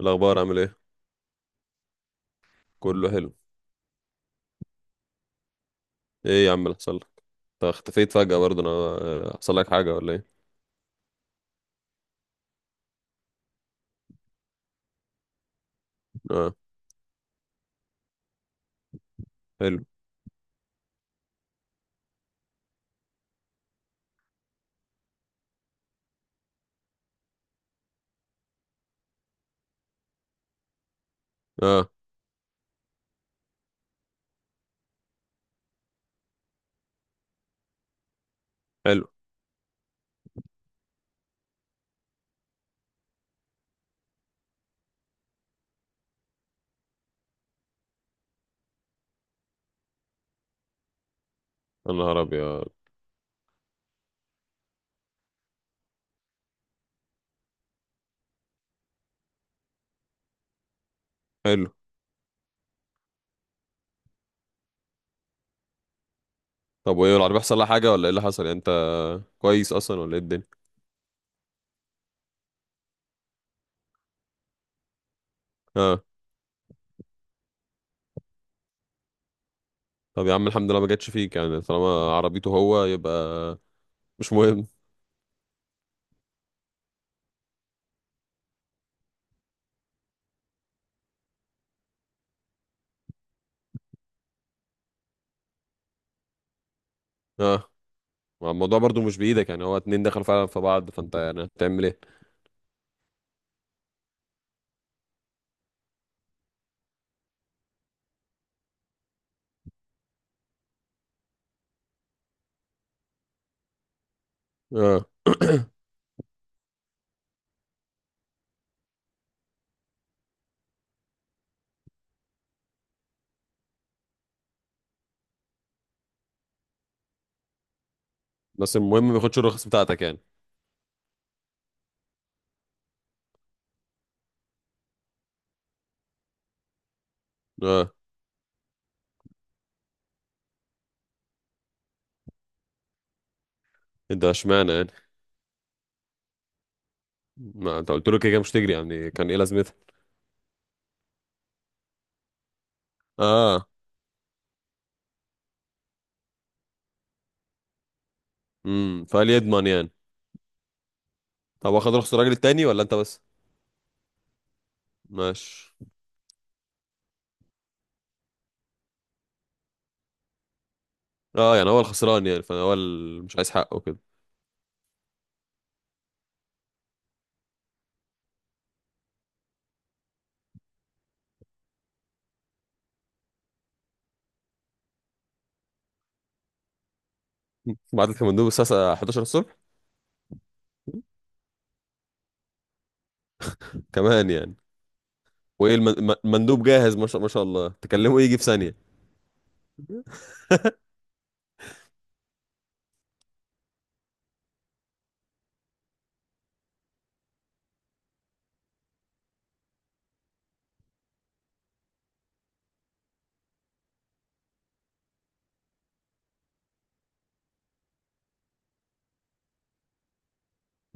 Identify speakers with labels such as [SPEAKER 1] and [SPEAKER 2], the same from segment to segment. [SPEAKER 1] الاخبار عامل ايه؟ كله حلو. ايه يا عم اللي حصل لك؟ انت اختفيت فجأة برضه. انا حصل لك حاجة ولا ايه؟ اه. حلو. اه. حلو. يا نهار ابيض. حلو. طب وايه العربية، حصل لها حاجة ولا ايه اللي حصل يعني؟ انت كويس اصلا ولا ايه الدنيا؟ اه. طب يا عم الحمد لله ما جاتش فيك يعني، طالما عربيته هو يبقى مش مهم. اه، ما الموضوع برضه مش بايدك يعني، هو اتنين دخلوا فعلا في بعض، فانت يعني هتعمل ايه؟ اه بس المهم ما ياخدش الرخص بتاعتك يعني. اه. انت اشمعنى يعني؟ ما انت قلت له كده كده مش تجري، يعني كان ايه لازمتها؟ اه. امم، فقال يضمن يعني. طب واخد رخص الراجل التاني ولا انت بس؟ ماشي. اه يعني هو الخسران يعني، فهو اللي مش عايز حقه كده. بعت لك المندوب الساعه 11 الصبح كمان يعني؟ وايه المندوب جاهز؟ ما شاء ما شاء الله، تكلمه يجي في ثانيه.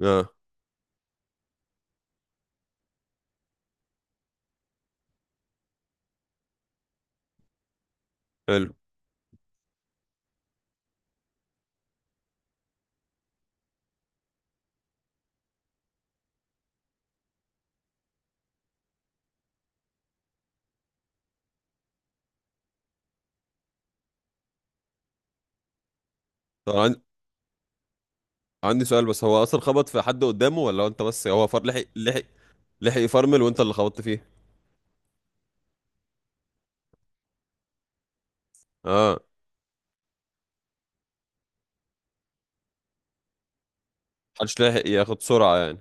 [SPEAKER 1] اه. حلو. طب عندي سؤال بس، هو اصلا خبط في حد قدامه ولا هو انت بس؟ هو فر، لحق يفرمل وانت اللي خبطت فيه؟ اه. محدش لحق ياخد سرعه يعني.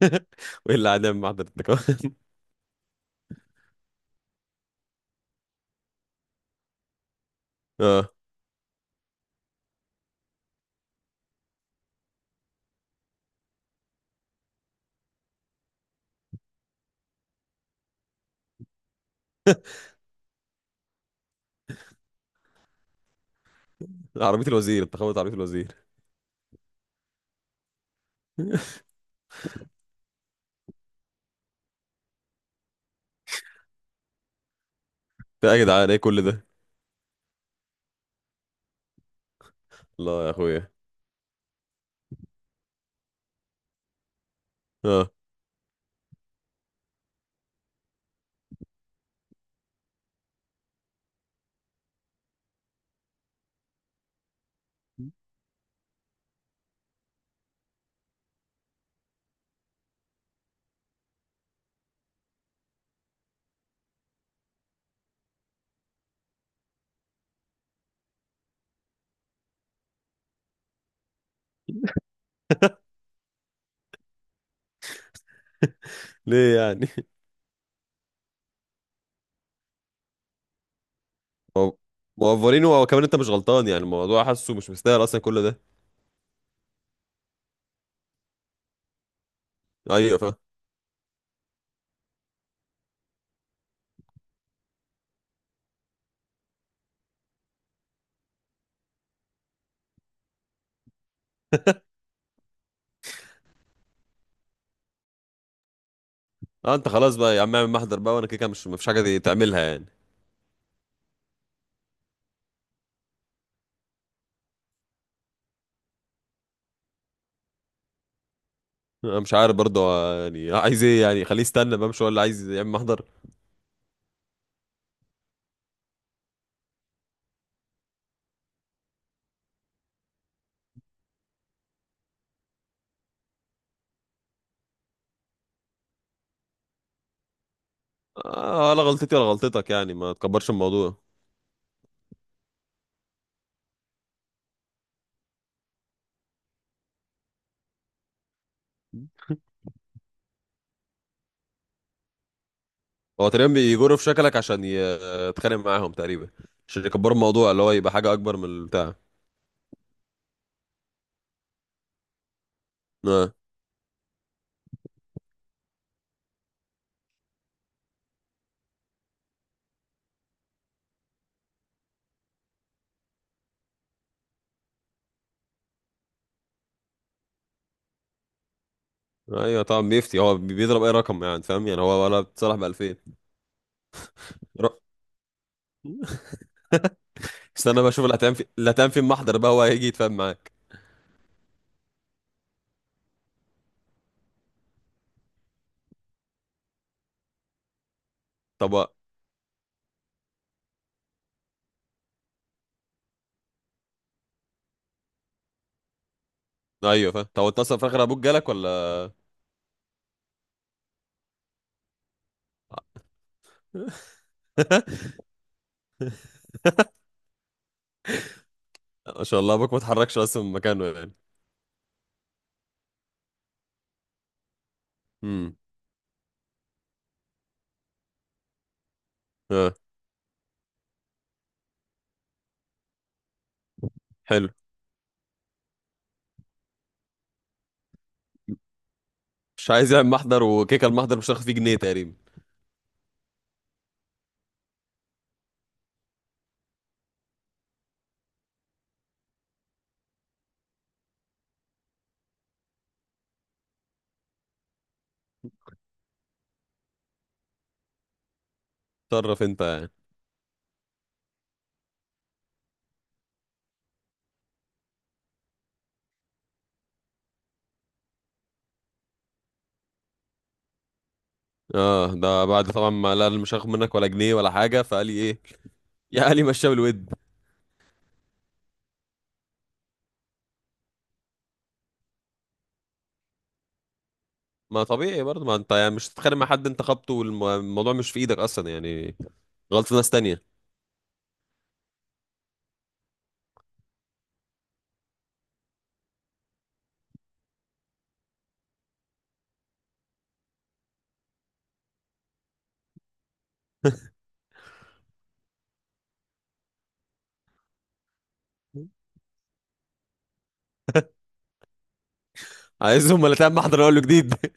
[SPEAKER 1] وايه اللي قاعد يعمل محضر انت كمان؟ اه، عربيه الوزير، انت خبطت عربيه الوزير. ده يا جدعان ايه كل ده؟ لا يا اخويا. اه. ليه يعني؟ هو- موفرينه، وكمان انت مش غلطان يعني، الموضوع حاسه مش مستاهل اصلا كل ده. ايوه فاهم. اه انت خلاص بقى يا عم، اعمل محضر بقى، وانا كده كده مش مفيش حاجه دي تعملها يعني. انا مش عارف برضه يعني عايز ايه يعني؟ خليه يستنى بقى، مش هو اللي عايز يعمل محضر. آه، ولا غلطتي ولا غلطتك يعني، ما تكبرش الموضوع. هو تقريبا بيجروا في شكلك عشان يتخانق معاهم تقريبا، عشان يكبروا الموضوع اللي هو يبقى حاجه اكبر من البتاع. اه. ايوه طبعا، بيفتي، هو بيضرب اي رقم، يعني فاهم يعني، هو ولا بتصالح ب 2000. استنى بقى اشوف اللي هتعمل في اللي هتعمل في المحضر بقى، هو هيجي يتفاهم معاك. طب ايوه فاهم. طب اتصل في الاخر ابوك جالك ولا؟ ما شاء الله، ابوك ما اتحركش اصلا من مكانه يعني. امم. اه. حلو. مش عايز يعمل محضر، وكيكه المحضر مش هتاخد فيه جنيه تقريبا. تصرف انت يعني. اه، ده بعد طبعا ما لا، مش هاخد منك ولا جنيه ولا حاجه، فقال لي ايه؟ يا قال لي مشاه بالود. ما طبيعي برضه، ما انت يعني مش هتتخانق مع حد انت خبطه، والموضوع مش في ايدك اصلا يعني. غلطة ناس تانية. عايزهم ولا تعمل محضر؟ اقول له جديد.